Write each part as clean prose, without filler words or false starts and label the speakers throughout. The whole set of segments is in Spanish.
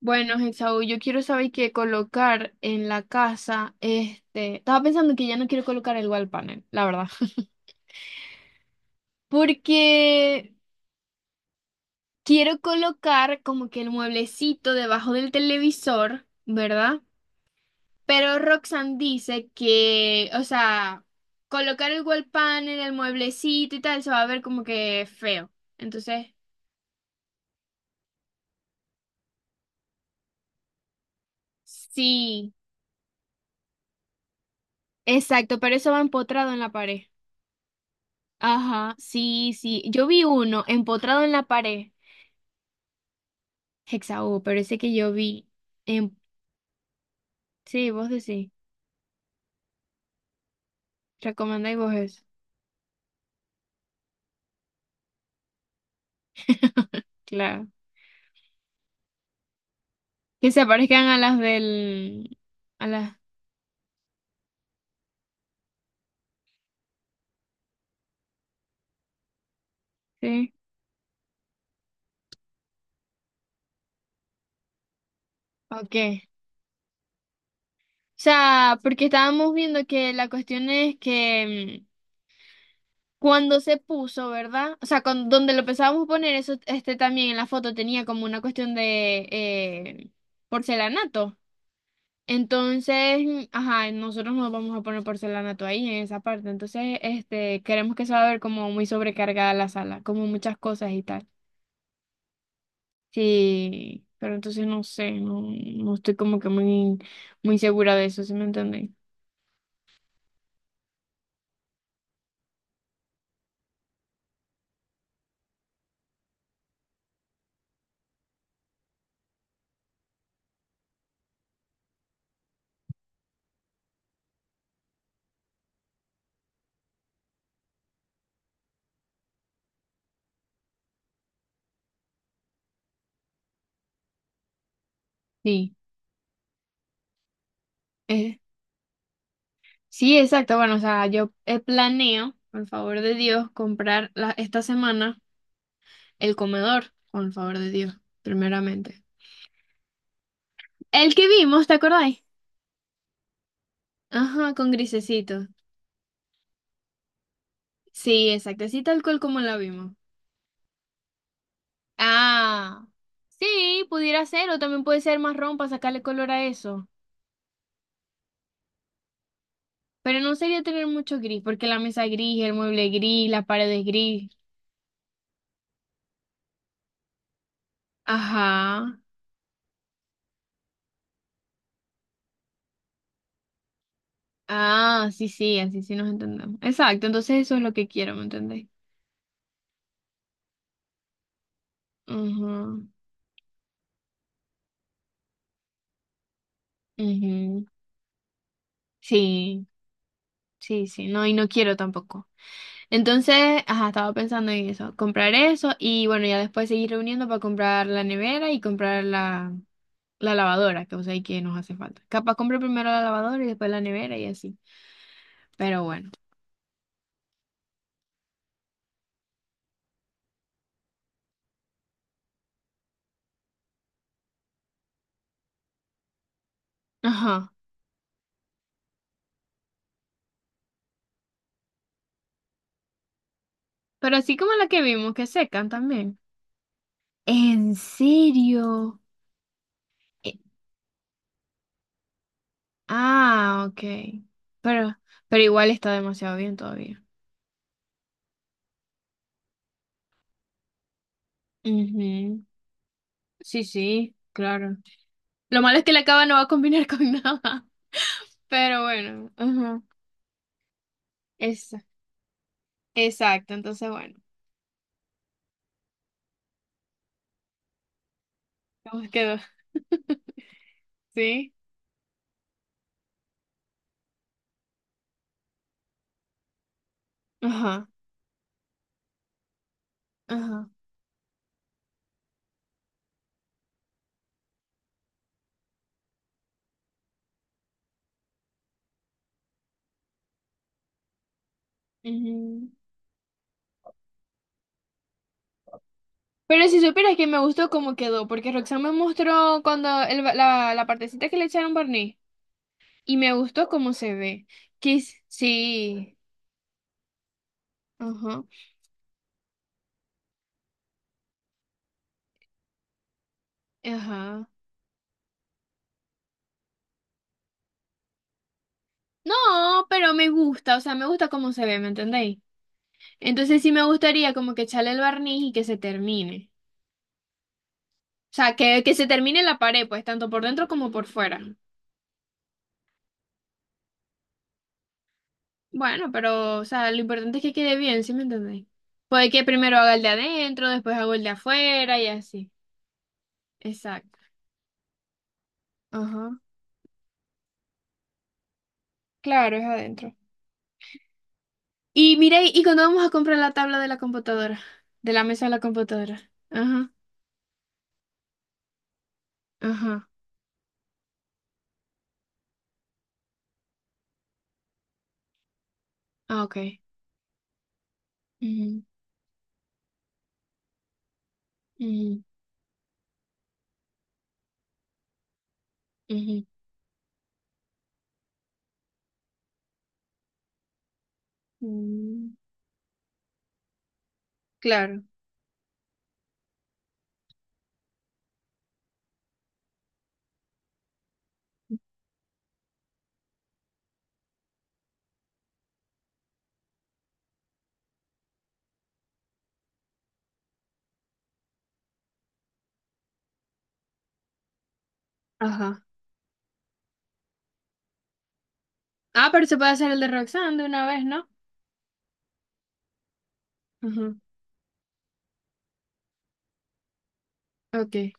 Speaker 1: Bueno, Hexau, yo quiero saber qué colocar en la casa. Estaba pensando que ya no quiero colocar el wall panel, la verdad. Porque quiero colocar como que el mueblecito debajo del televisor, ¿verdad? Pero Roxanne dice que, o sea, colocar el wall panel, el mueblecito y tal, se va a ver como que feo. Entonces, sí, exacto, pero eso va empotrado en la pared. Ajá, sí, sí. Yo vi uno empotrado en la pared, Hexaú, pero ese que yo vi en... Sí, vos decís. Recomendáis vos eso. Claro. Que se parezcan a las del. A las. Sí. Ok. O sea, porque estábamos viendo que la cuestión es que cuando se puso, ¿verdad? O sea, donde lo pensábamos poner, eso también en la foto tenía como una cuestión de porcelanato. Entonces, ajá, nosotros no vamos a poner porcelanato ahí en esa parte. Entonces, queremos que se va a ver como muy sobrecargada la sala, como muchas cosas y tal. Sí, pero entonces no sé, no, no estoy como que muy, muy segura de eso, ¿sí me entienden? Sí. eh, sí, exacto. Bueno, o sea, yo planeo, por el favor de Dios, comprar esta semana el comedor, con el favor de Dios, primeramente. El que vimos, ¿te acordáis? Ajá, con grisecito. Sí, exacto, así tal cual como la vimos. Ah, sí, pudiera ser, o también puede ser marrón para sacarle color a eso. Pero no sería tener mucho gris, porque la mesa es gris, el mueble es gris, las paredes gris. Ajá. Ah, sí, sí, así sí nos entendemos. Exacto, entonces eso es lo que quiero, ¿me entendéis? Ujú. Ujú, sí, sí, sí, no, y no quiero tampoco. Entonces, ajá, estaba pensando en eso, comprar eso y bueno, ya después seguir reuniendo para comprar la nevera y comprar la lavadora, que o sea, y que nos hace falta. Capaz compre primero la lavadora y después la nevera y así. Pero bueno. Ajá. Pero así como la que vimos, que secan también. ¿En serio? Eh, ah, ok. Pero, pero igual está demasiado bien todavía. Ujú. Sí, sí, claro. Lo malo es que la cava no va a combinar con nada. Pero bueno, ajá. Esa. Exacto, entonces bueno. ¿Cómo quedó? ¿Sí? Ajá, ajá. Ujú. Pero si supieras que me gustó cómo quedó, porque Roxanne me mostró cuando la partecita que le echaron barniz y me gustó cómo se ve. Sí, ajá, ajá. No, pero me gusta, o sea, me gusta cómo se ve, ¿me entendéis? Entonces sí me gustaría como que echarle el barniz y que se termine. O sea, que se termine la pared, pues, tanto por dentro como por fuera. Bueno, pero, o sea, lo importante es que quede bien, ¿sí me entendéis? Puede que primero haga el de adentro, después hago el de afuera y así. Exacto. Ajá. Claro, es adentro. Y mira, ¿y cuando vamos a comprar la tabla de la computadora? De la mesa de la computadora. Ajá, ajá. Ah, ok. Ujú, ujú, ujú. Mm, claro. Ajá. Ah, pero se puede hacer el de Roxanne de una vez, ¿no? Ajá. Ok.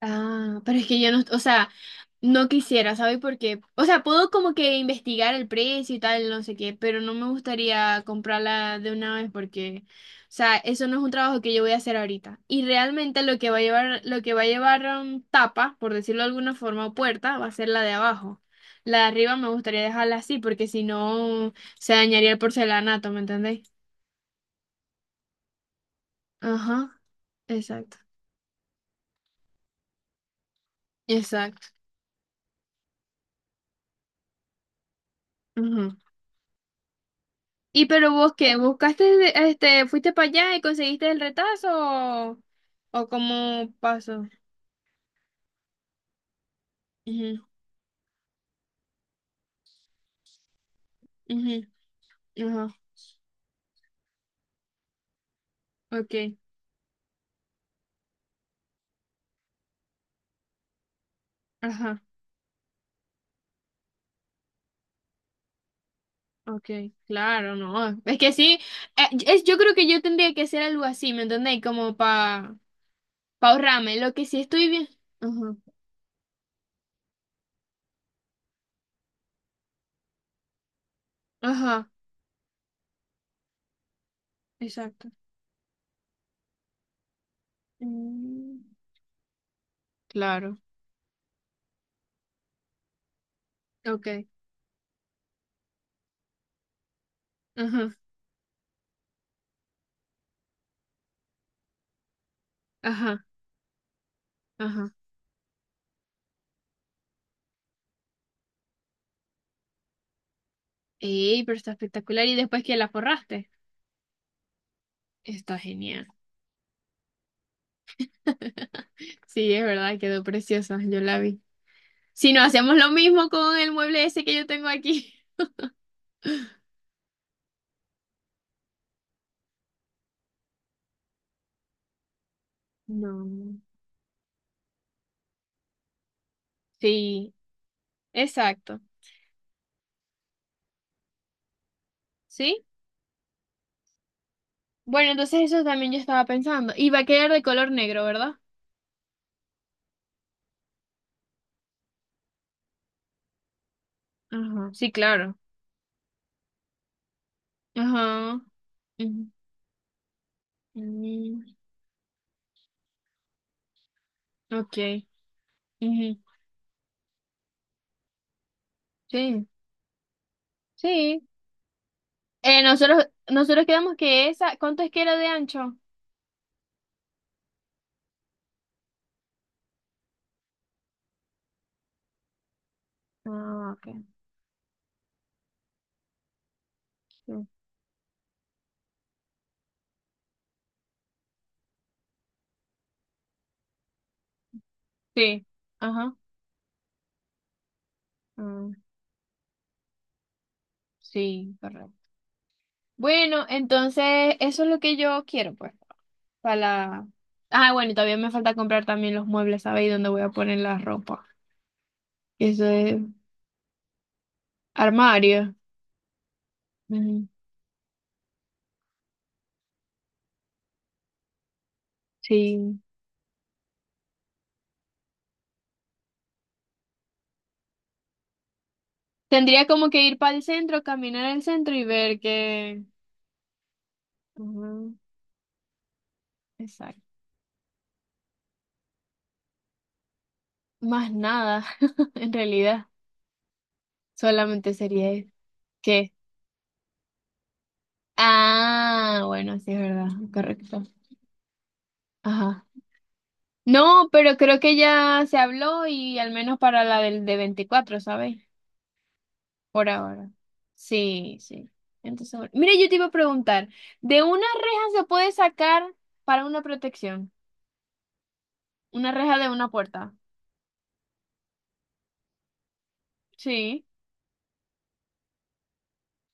Speaker 1: Ah, pero es que yo no, o sea. No quisiera, ¿sabes por qué? O sea, puedo como que investigar el precio y tal, no sé qué, pero no me gustaría comprarla de una vez porque, o sea, eso no es un trabajo que yo voy a hacer ahorita. Y realmente lo que va a llevar, lo que va a llevar tapa, por decirlo de alguna forma, o puerta, va a ser la de abajo. La de arriba me gustaría dejarla así porque si no se dañaría el porcelanato, ¿me entendéis? Ajá, exacto, exacto. Y pero vos qué, buscaste, fuiste para allá y conseguiste el retazo o cómo pasó. Ujú, ujú, ajá, okay, ajá, okay, claro, no. Es que sí, yo creo que yo tendría que hacer algo así, ¿me entendéis? Como para pa pa ahorrarme, lo que sí estoy bien. Ajá, ajá, exacto. Mm, claro, okay, ajá, ajá, ajá. Ey, pero está espectacular y después que la forraste. Está genial. Sí, es verdad, quedó preciosa, yo la vi. Si no, hacemos lo mismo con el mueble ese que yo tengo aquí. No. Sí, exacto. ¿Sí? Bueno, entonces eso también yo estaba pensando. Y va a quedar de color negro, ¿verdad? Ajá, sí, claro. Ajá. Ujú. Mm, ok. Ujú. Sí. Sí. Nosotros quedamos que esa, ¿cuánto es que era de ancho? Ah, ok. Sí. Sí. Ajá. Ah, sí, correcto. Bueno, entonces eso es lo que yo quiero, pues, para la. Ah, bueno, y todavía me falta comprar también los muebles, ¿sabes? Y dónde voy a poner la ropa. Eso es armario. Ujú, sí. Tendría como que ir para el centro, caminar al centro y ver qué. Ujú, exacto. Más nada, en realidad. Solamente sería eso. ¿Qué? Ah, bueno, sí es verdad, correcto. Ajá. No, pero creo que ya se habló y al menos para la del de 24, ¿sabes? Por ahora. Sí, sí. Entonces, bueno. Mira, yo te iba a preguntar, ¿de una reja se puede sacar para una protección? Una reja de una puerta. Sí.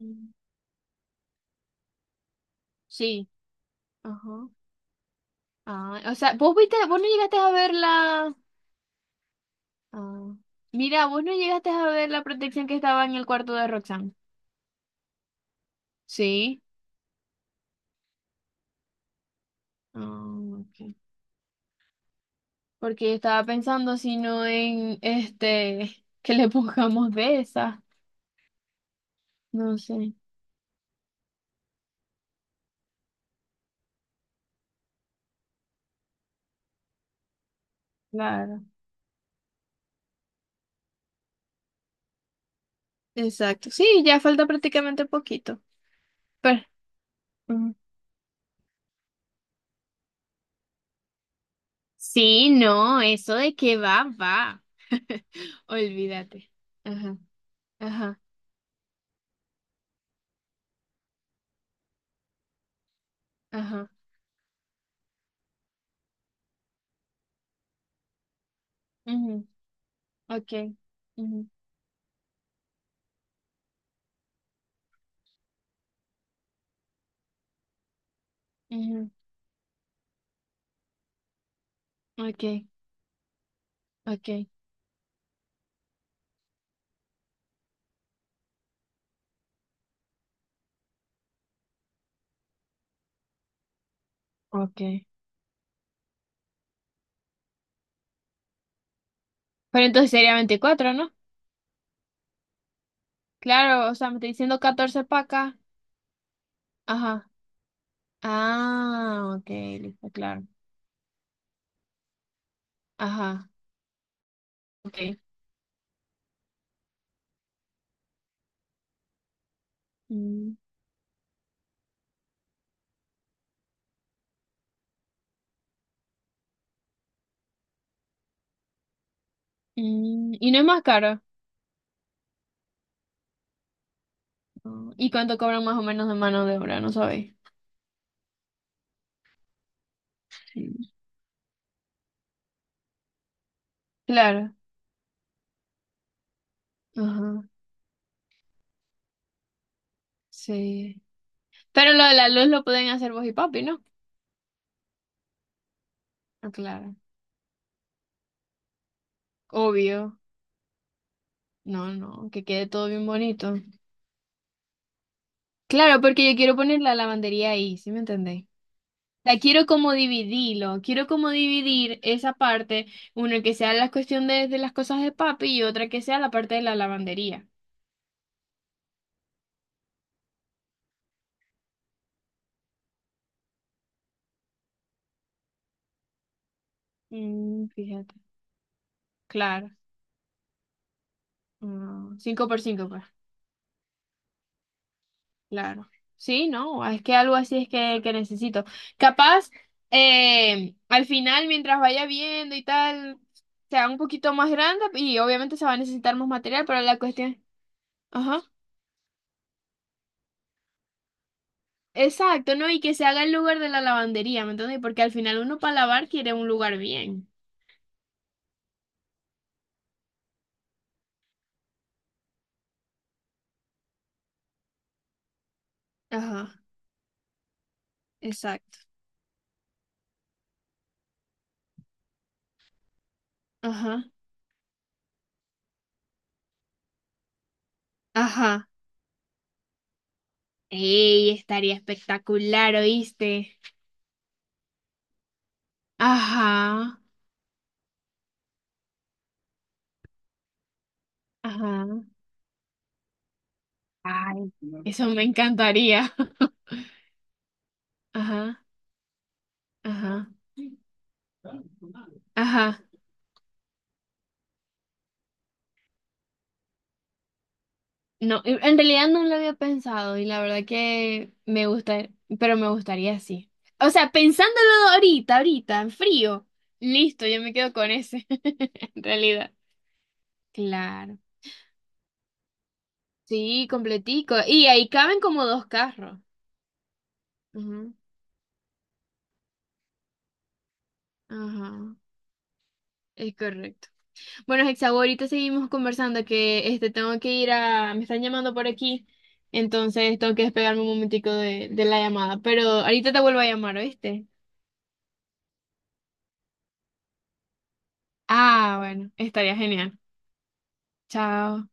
Speaker 1: Mm. Sí. Ajá. Ah, o sea, vos viste, vos no llegaste a ver la. Ah. Mira, vos no llegaste a ver la protección que estaba en el cuarto de Roxanne. Sí. Ah, ok. Porque yo estaba pensando si no en este, que le pongamos de esa. No sé. Claro. Exacto. Sí, ya falta prácticamente poquito. Pero, mm, Sí, no, eso de que va, va. Olvídate. Ajá, ajá, ajá. Ujú, ok. Ujú, ujú, ok, ok, ok. Pero entonces sería 24, ¿no? Claro, o sea, me está diciendo 14 para acá. Ajá. Ah, ok, listo, claro. Ajá, ok. Mm, ¿Y no es más caro? No. ¿Y cuánto cobran más o menos de mano de obra? No sabéis. Claro. Ajá. Sí. Pero lo de la luz lo pueden hacer vos y papi, ¿no? Ah, claro. Obvio. No, no, que quede todo bien bonito. Claro, porque yo quiero poner la lavandería ahí, ¿sí me entendéis? La quiero como dividirlo, quiero como dividir esa parte, una que sea la cuestión de las cosas de papi y otra que sea la parte de la lavandería. Mm, fíjate, claro. 5 por 5, pues. Claro. Sí, no, es que algo así es que necesito. Capaz, al final, mientras vaya viendo y tal, sea un poquito más grande y obviamente se va a necesitar más material, pero la cuestión. Ajá. Exacto, ¿no? Y que se haga el lugar de la lavandería, ¿me entiendes? Porque al final uno para lavar quiere un lugar bien. Ajá, exacto. Ajá. Ajá. Ey, estaría espectacular, ¿oíste? Ajá. Ajá. Ay, eso me encantaría. Ajá. Ajá, ajá. No, en realidad no lo había pensado y la verdad que me gusta, pero me gustaría así. O sea, pensándolo ahorita, ahorita, en frío, listo, yo me quedo con ese, en realidad. Claro. Sí, completico. Y ahí caben como dos carros. Ujú, ajá, es correcto. Bueno, Hexago, ahorita seguimos conversando que tengo que ir me están llamando por aquí, entonces tengo que despegarme un momentico de la llamada, pero ahorita te vuelvo a llamar, ¿oíste? Ah, bueno, estaría genial. Chao.